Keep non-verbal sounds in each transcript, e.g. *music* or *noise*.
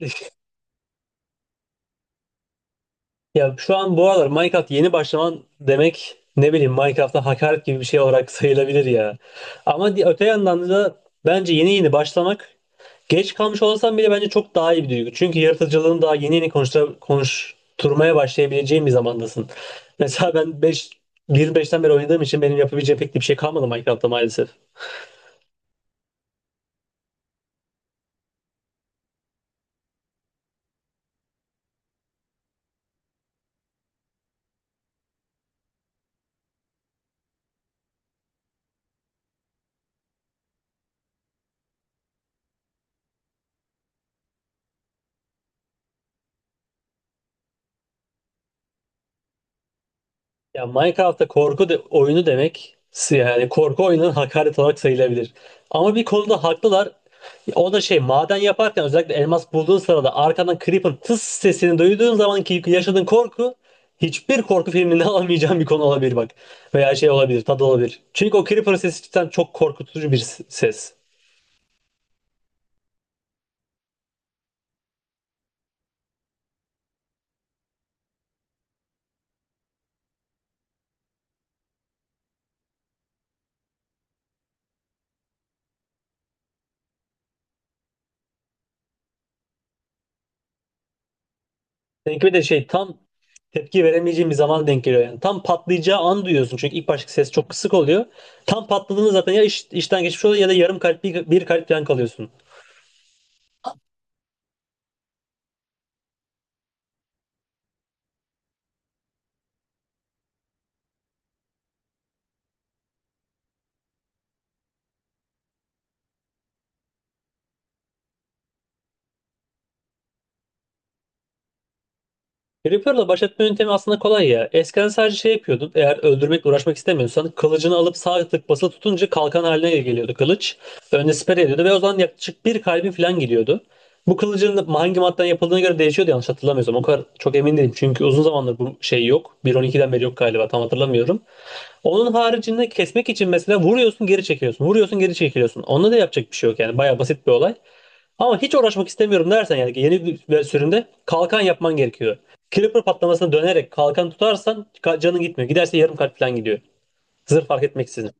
*laughs* Ya şu an bu aralar Minecraft yeni başlaman demek ne bileyim Minecraft'a hakaret gibi bir şey olarak *laughs* sayılabilir ya. Ama öte yandan da bence yeni yeni başlamak geç kalmış olsam bile bence çok daha iyi bir duygu. Çünkü yaratıcılığını daha yeni yeni konuşturmaya başlayabileceğin bir zamandasın. Mesela ben 5 1.5'ten beri oynadığım için benim yapabileceğim pek de bir şey kalmadı Minecraft'ta maalesef. Ya Minecraft'ta oyunu demek yani korku oyunun hakaret olarak sayılabilir. Ama bir konuda haklılar. O da şey maden yaparken özellikle elmas bulduğun sırada arkadan creep'in tıs sesini duyduğun zamanki yaşadığın korku hiçbir korku filminde *laughs* alamayacağın bir konu olabilir bak. Veya şey olabilir, tadı olabilir. Çünkü o creeper sesi cidden çok korkutucu ses. Seninki bir de şey tam tepki veremeyeceğim bir zaman denk geliyor yani. Tam patlayacağı an duyuyorsun çünkü ilk baştaki ses çok kısık oluyor. Tam patladığında zaten ya işten geçmiş oluyor ya da yarım kalp bir kalp falan kalıyorsun. Creeper'la baş etme yöntemi aslında kolay ya. Eskiden sadece şey yapıyordun. Eğer öldürmekle uğraşmak istemiyorsan kılıcını alıp sağ tık basılı tutunca kalkan haline geliyordu kılıç. Önüne siper ediyordu ve o zaman yaklaşık bir kalbin falan gidiyordu. Bu kılıcın da hangi maddeden yapıldığına göre değişiyordu yanlış hatırlamıyorsam. O kadar çok emin değilim çünkü uzun zamandır bu şey yok. 1.12'den beri yok galiba tam hatırlamıyorum. Onun haricinde kesmek için mesela vuruyorsun geri çekiliyorsun. Vuruyorsun geri çekiliyorsun. Onda da yapacak bir şey yok yani. Baya basit bir olay. Ama hiç uğraşmak istemiyorum dersen yani yeni bir sürümde kalkan yapman gerekiyor. Creeper patlamasına dönerek kalkan tutarsan canın gitmiyor. Giderse yarım kalp falan gidiyor. Zırh fark etmeksizin.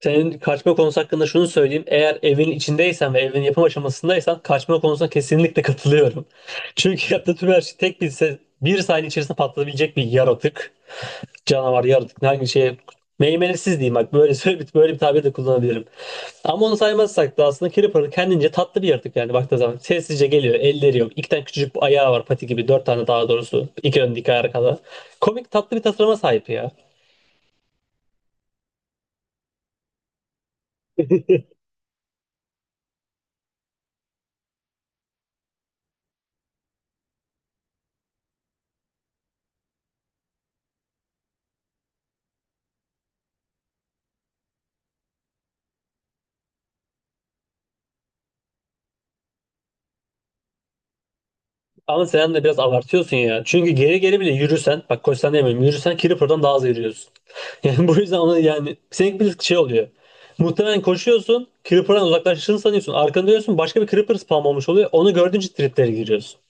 Senin kaçma konusu hakkında şunu söyleyeyim. Eğer evin içindeysen ve evin yapım aşamasındaysan kaçma konusuna kesinlikle katılıyorum. *laughs* Çünkü yaptığı tüm her şey bir saniye içerisinde patlayabilecek bir yaratık. Canavar, yaratık hangi şey meymenetsiz diyeyim bak böyle *laughs* böyle bir tabir de kullanabilirim. Ama onu saymazsak da aslında Creeper kendince tatlı bir yaratık yani baktığı zaman. Sessizce geliyor, elleri yok. İki tane küçücük bir ayağı var pati gibi. Dört tane daha doğrusu. İki ön iki ayağa kadar. Komik tatlı bir tasarıma sahip ya. Ama sen de biraz abartıyorsun ya. Çünkü geri geri bile yürürsen, bak koşsan demiyorum, yürürsen Creeper'dan daha hızlı yürüyorsun. *laughs* Yani bu yüzden ona yani senin bir şey oluyor. Muhtemelen koşuyorsun, Creeper'dan uzaklaştığını sanıyorsun. Arkanda diyorsun başka bir Creeper spam olmuş oluyor. Onu gördüğünce triplere giriyorsun.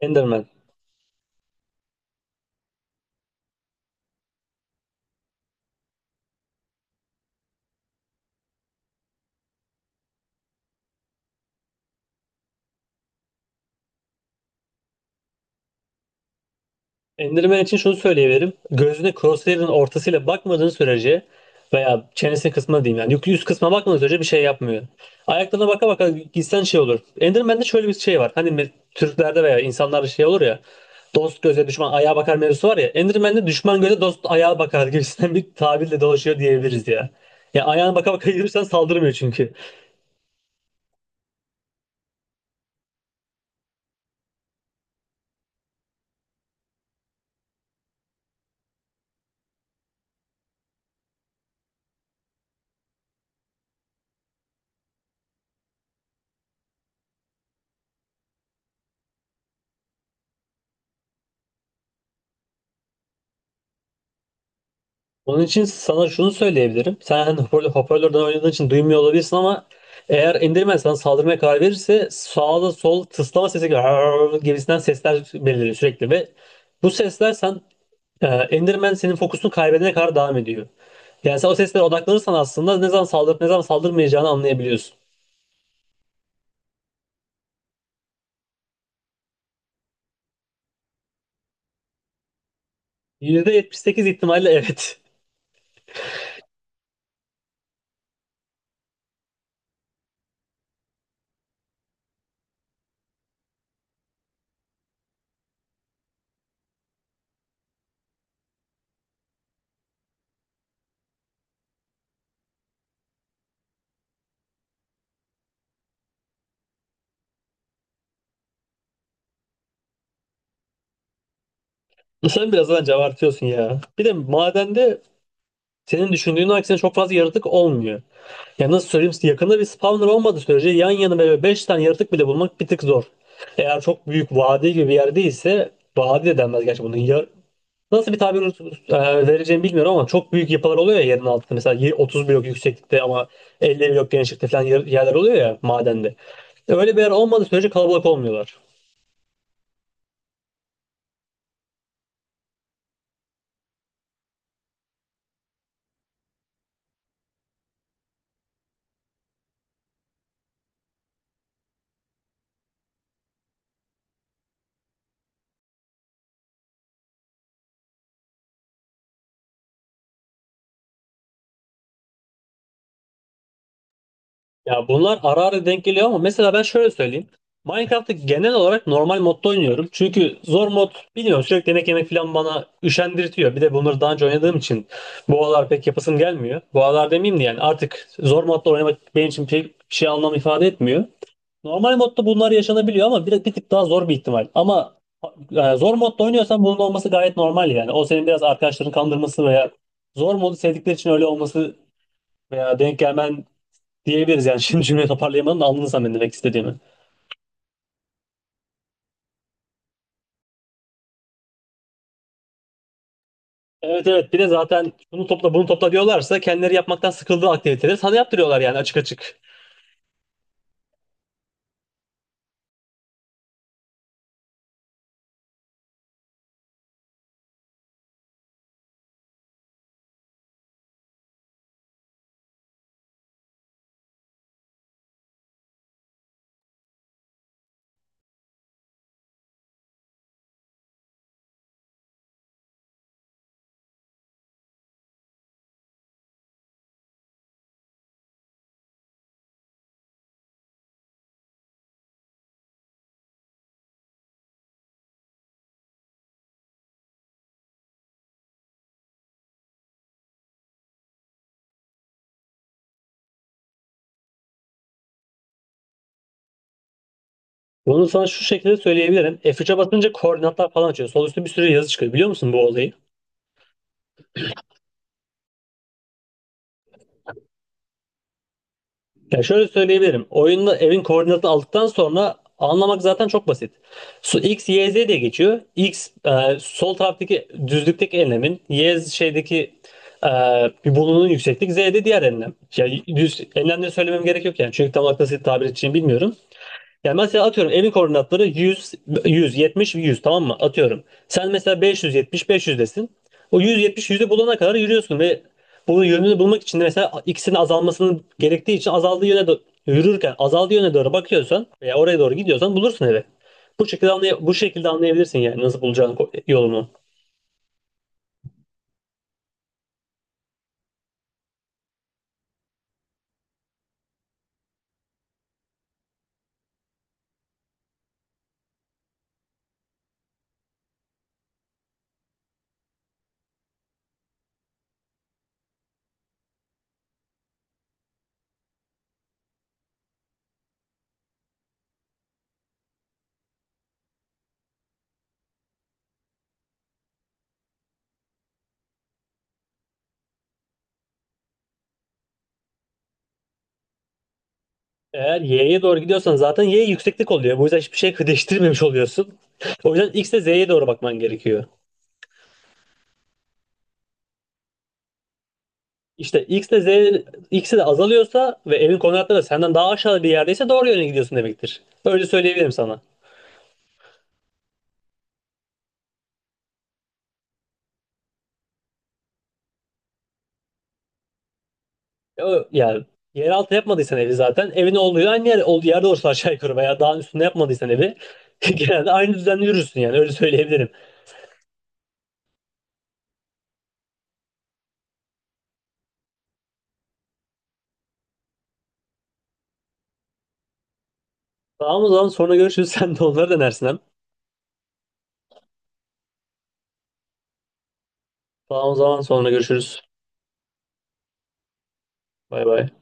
Enderman. Enderman için şunu söyleyebilirim. Gözüne Crosshair'ın ortasıyla bakmadığın sürece veya çenesinin kısmına diyeyim yani yüz kısmına bakmadığın sürece bir şey yapmıyor. Ayaklarına baka baka gitsen şey olur. Enderman'de şöyle bir şey var. Türklerde veya insanlarda şey olur ya. Dost göze düşman ayağa bakar mevzusu var ya. Enderman'de düşman göze dost ayağa bakar gibisinden bir tabirle dolaşıyor diyebiliriz ya. Ya ayağına baka baka yürürsen saldırmıyor çünkü. Onun için sana şunu söyleyebilirim. Sen hani hoparlörden oynadığın için duymuyor olabilirsin ama eğer indirmen sana saldırmaya karar verirse sağda sol tıslama sesi gibi, *laughs* "Arr" gibisinden sesler beliriyor sürekli ve bu sesler sen e, Enderman senin fokusunu kaybedene kadar devam ediyor. Yani sen o seslere odaklanırsan aslında ne zaman saldırıp ne zaman saldırmayacağını anlayabiliyorsun. %78 ihtimalle evet. *laughs* Sen biraz bence abartıyorsun ya. Bir de madende senin düşündüğün aksine çok fazla yaratık olmuyor. Ya nasıl söyleyeyim size, yakında bir spawner olmadığı sürece yan yana böyle 5 tane yaratık bile bulmak bir tık zor. Eğer çok büyük vadi gibi bir yer değilse vadi de denmez gerçi bunun. Nasıl bir tabir vereceğimi bilmiyorum ama çok büyük yapılar oluyor ya yerin altında. Mesela 30 blok yükseklikte ama 50 blok genişlikte falan yerler oluyor ya madende. Öyle bir yer olmadığı sürece kalabalık olmuyorlar. Ya bunlar ara ara denk geliyor ama mesela ben şöyle söyleyeyim. Minecraft'ı genel olarak normal modda oynuyorum. Çünkü zor mod bilmiyorum sürekli yemek yemek falan bana üşendirtiyor. Bir de bunları daha önce oynadığım için bu aralar pek yapasım gelmiyor. Bu aralar demeyeyim de yani artık zor modda oynamak benim için pek bir şey anlam ifade etmiyor. Normal modda bunlar yaşanabiliyor ama bir tık daha zor bir ihtimal. Ama zor modda oynuyorsan bunun olması gayet normal yani. O senin biraz arkadaşların kandırması veya zor modu sevdikleri için öyle olması veya denk gelmen diyebiliriz yani. Şimdi cümleyi toparlayamadım da anladın sen benim demek istediğimi. Evet evet bir de zaten bunu topla bunu topla diyorlarsa kendileri yapmaktan sıkıldığı aktiviteleri sana yaptırıyorlar yani açık açık. Bunu sana şu şekilde söyleyebilirim. F3'e basınca koordinatlar falan açıyor. Sol üstte bir sürü yazı çıkıyor. Biliyor musun bu olayı? Ya şöyle söyleyebilirim. Oyunda evin koordinatını aldıktan sonra anlamak zaten çok basit. Su X, Y, Z diye geçiyor. Sol taraftaki düzlükteki enlemin, Y şeydeki e, bir bulunun yükseklik, Z de diğer enlem. Ya düz enlemleri söylemem gerek yok yani. Çünkü tam olarak nasıl tabir edeceğimi bilmiyorum. Yani mesela atıyorum evin koordinatları 100, 170, 100 tamam mı? Atıyorum. Sen mesela 570, 500'desin. O 170, 100'ü bulana kadar yürüyorsun ve bunun yönünü bulmak için de mesela ikisinin azalmasının gerektiği için yürürken azaldığı yöne doğru bakıyorsan veya oraya doğru gidiyorsan bulursun evi. Bu şekilde anlayabilirsin yani nasıl bulacağın yolunu. Eğer y'ye doğru gidiyorsan zaten y yükseklik oluyor. Bu yüzden hiçbir şey değiştirmemiş oluyorsun. *laughs* O yüzden x'e z'ye doğru bakman gerekiyor. İşte X de Z ikisi de azalıyorsa ve evin koordinatları da senden daha aşağı bir yerdeyse doğru yöne gidiyorsun demektir. Öyle söyleyebilirim sana. Yani yeraltı yapmadıysan evi zaten evin olduğu aynı yer, olduğu yerde olursa aşağı yukarı veya dağın üstünde yapmadıysan evi *laughs* genelde aynı düzende yürürsün yani öyle söyleyebilirim. Tamam o zaman sonra görüşürüz. *laughs* Sen de onları denersin hem. Tamam o zaman sonra görüşürüz. Bay bay.